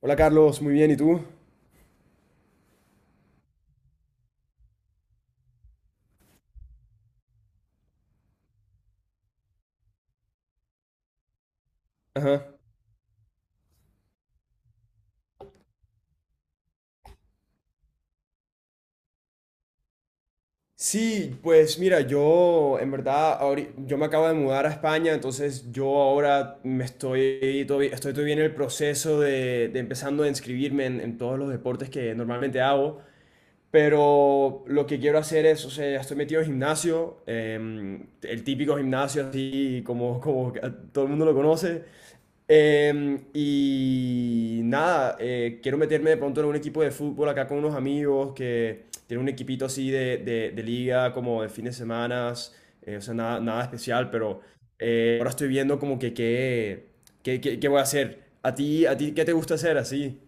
Hola Carlos, muy bien, ¿y tú? Ajá. Sí, pues mira, yo en verdad, yo me acabo de mudar a España, entonces yo ahora estoy todavía en el proceso de empezando a inscribirme en todos los deportes que normalmente hago. Pero lo que quiero hacer es, o sea, ya estoy metido en gimnasio, el típico gimnasio así como, como que todo el mundo lo conoce. Y nada, quiero meterme de pronto en un equipo de fútbol acá con unos amigos que tienen un equipito así de liga, como de fines de semana, o sea, nada, nada especial, pero ahora estoy viendo como que qué voy a hacer. A ti qué te gusta hacer así?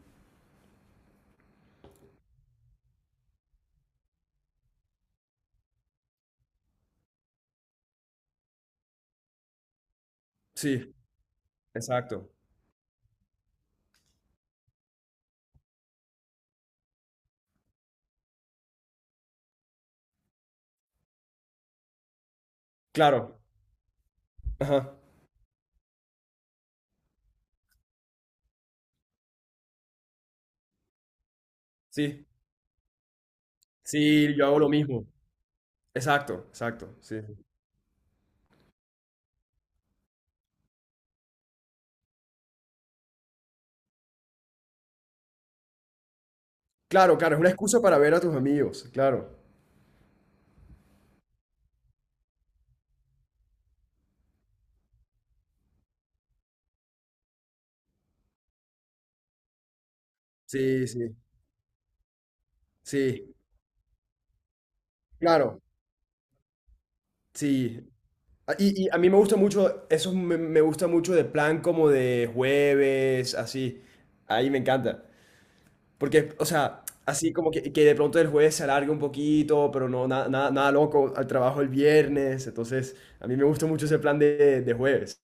Sí, exacto. Claro. Ajá. Sí, sí, yo hago lo mismo. Exacto, exacto, sí, sí. Claro, claro, es una excusa para ver a tus amigos, claro. Sí, sí, sí, claro, sí. Y a mí me gusta mucho, me gusta mucho de plan como de jueves, así. Ahí me encanta. Porque, o sea, así como que de pronto el jueves se alargue un poquito, pero no, nada loco, al trabajo el viernes. Entonces, a mí me gusta mucho ese plan de jueves.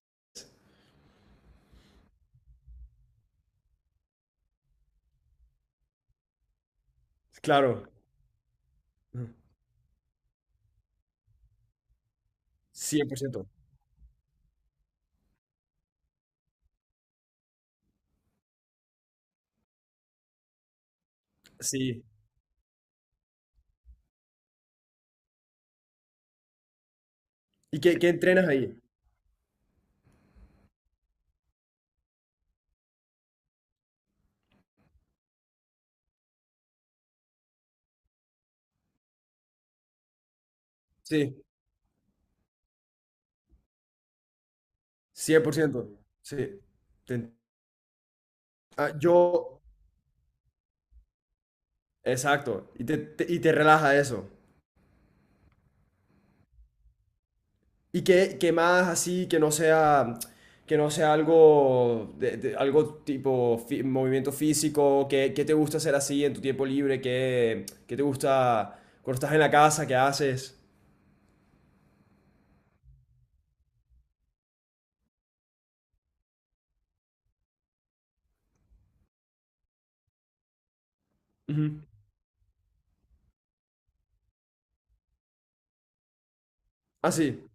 Claro, cien por ciento. Sí. ¿Y qué, qué entrenas ahí? Sí, 100%. Sí. Te- ah, yo, exacto. Y te relaja eso. ¿Y qué, qué más así que no sea algo, algo tipo movimiento físico? ¿Qué, qué te gusta hacer así en tu tiempo libre? ¿Qué, qué te gusta cuando estás en la casa? ¿Qué haces? Ujú. Ah, sí.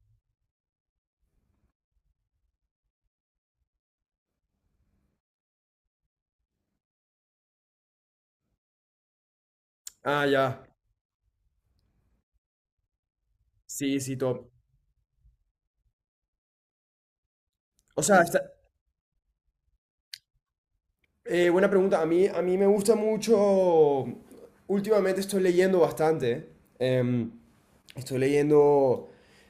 Ah, ya. Sí, sí, top. O sea, está- buena pregunta. A mí me gusta mucho. Últimamente estoy leyendo bastante. Em, estoy leyendo.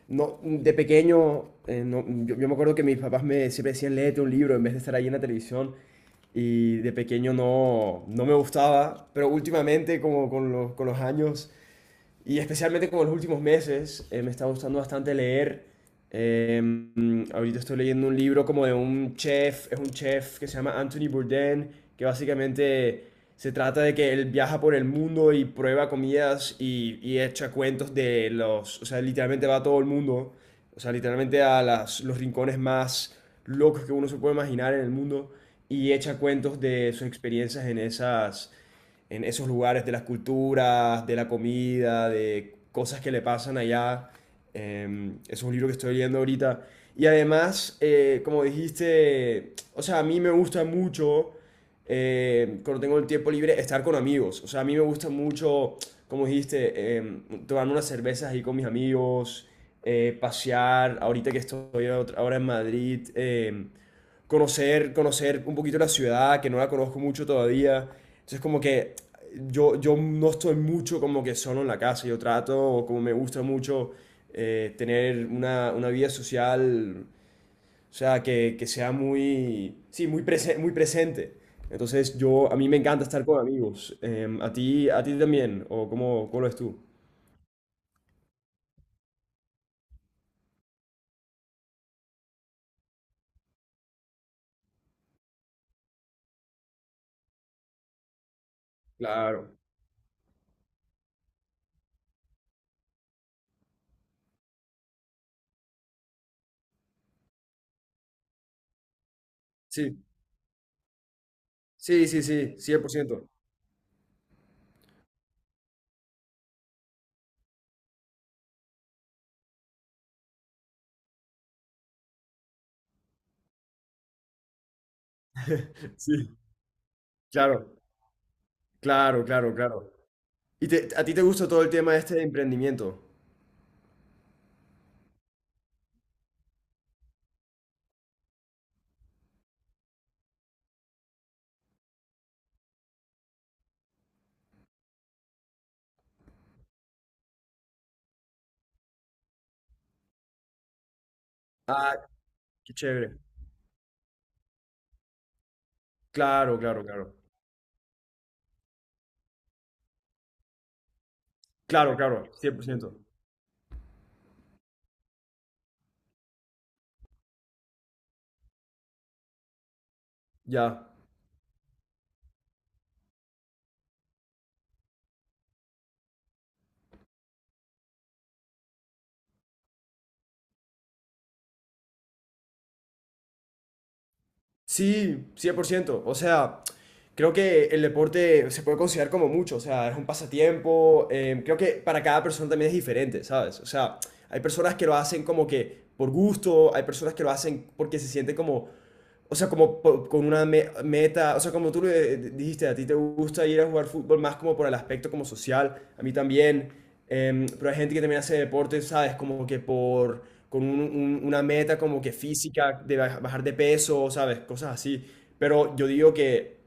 No, de pequeño, yo, yo me acuerdo que mis papás me siempre decían, léete un libro en vez de estar ahí en la televisión. Y de pequeño no, no me gustaba, pero últimamente, como con con los años, y especialmente como en los últimos meses me está gustando bastante leer. Ahorita estoy leyendo un libro como de un chef, es un chef que se llama Anthony Bourdain, que básicamente se trata de que él viaja por el mundo y prueba comidas y echa cuentos de los, o sea, literalmente va a todo el mundo, o sea, literalmente a los rincones más locos que uno se puede imaginar en el mundo y echa cuentos de sus experiencias en esas en esos lugares, de las culturas, de la comida, de cosas que le pasan allá. Es un libro que estoy leyendo ahorita. Y además, como dijiste, o sea, a mí me gusta mucho, cuando tengo el tiempo libre, estar con amigos. O sea, a mí me gusta mucho, como dijiste, eh, tomar unas cervezas ahí con mis amigos, pasear. Ahorita que estoy ahora en Madrid, conocer, conocer un poquito la ciudad, que no la conozco mucho todavía. Entonces, como que yo no estoy mucho como que solo en la casa, yo trato, como me gusta mucho, tener una vida social, o sea, que sea muy, sí, muy, muy presente. Entonces, yo, a mí me encanta estar con amigos. A ti también? ¿O cómo, cómo lo ves tú? Claro, sí, sí, sí, sí, cien por ciento. Sí, claro, claro, claro, claro. ¿Y a ti te gusta todo el tema este de emprendimiento? Ah, qué chévere. Claro, claro, claro. Claro, claro, 100%. Ya. Sí, cien por ciento. O sea, creo que el deporte se puede considerar como mucho. O sea, es un pasatiempo. Creo que para cada persona también es diferente, ¿sabes? O sea, hay personas que lo hacen como que por gusto, hay personas que lo hacen porque se sienten como. O sea, como con una meta, o sea, como tú lo dijiste, a ti te gusta ir a jugar fútbol más como por el aspecto como social, a mí también, pero hay gente que también hace deporte, ¿sabes? Como que por, con una meta como que física, de bajar de peso, ¿sabes? Cosas así. Pero yo digo que,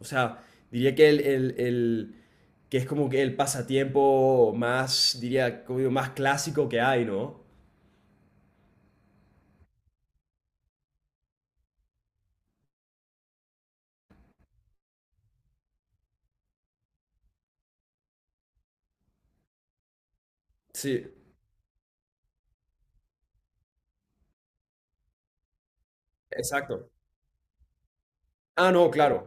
o sea, diría que que es como que el pasatiempo más, diría, como digo, más clásico que hay, ¿no? Sí, exacto. Ah, no, claro.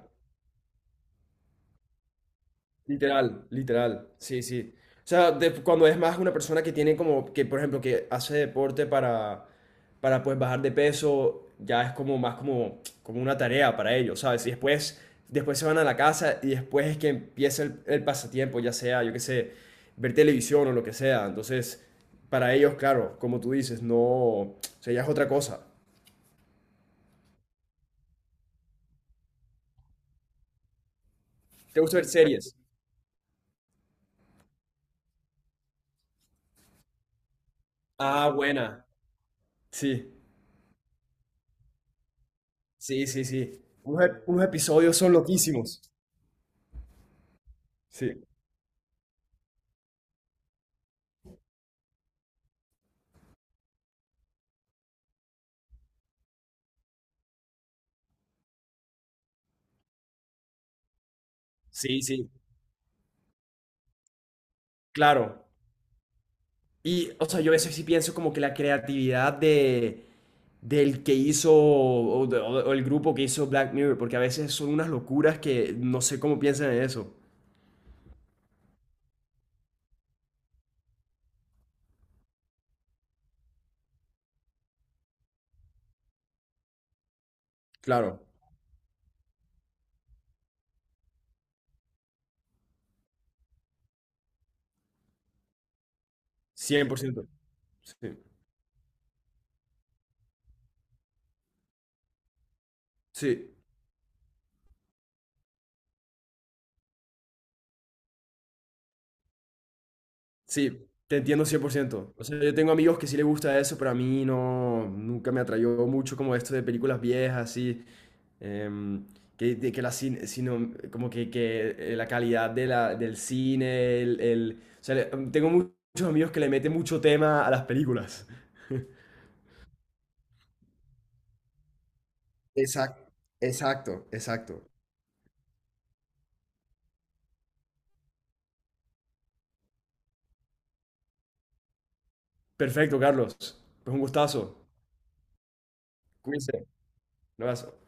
Literal, literal, sí, sí. O sea, cuando es más una persona que tiene como, que por ejemplo, que hace deporte para pues bajar de peso, ya es como más como, como una tarea para ellos, ¿sabes? Y después, después se van a la casa y después es que empieza el pasatiempo, ya sea, yo qué sé, ver televisión o lo que sea. Entonces, para ellos, claro, como tú dices, no, o sea, ya es otra cosa. ¿Te gusta ver series? Ah, buena. Sí, sí, sí, sí. Unos, unos episodios son loquísimos. Sí. Sí, sí, claro. Y, o sea, yo a veces sí pienso como que la creatividad de, del que hizo, o el grupo que hizo Black Mirror, porque a veces son unas locuras que no sé cómo piensan en eso. Claro, cien por ciento. Sí, sí, sí, te entiendo cien por ciento. O sea, yo tengo amigos que sí les gusta eso, pero a mí no, nunca me atrayó mucho como esto de películas viejas, así. Em, que, de que la sino, como que, la calidad de la, del cine, o sea, tengo muchos amigos que le meten mucho tema a las películas. Exacto, exacto, exacto. Perfecto, Carlos. Pues un gustazo. Cuídense. Un abrazo.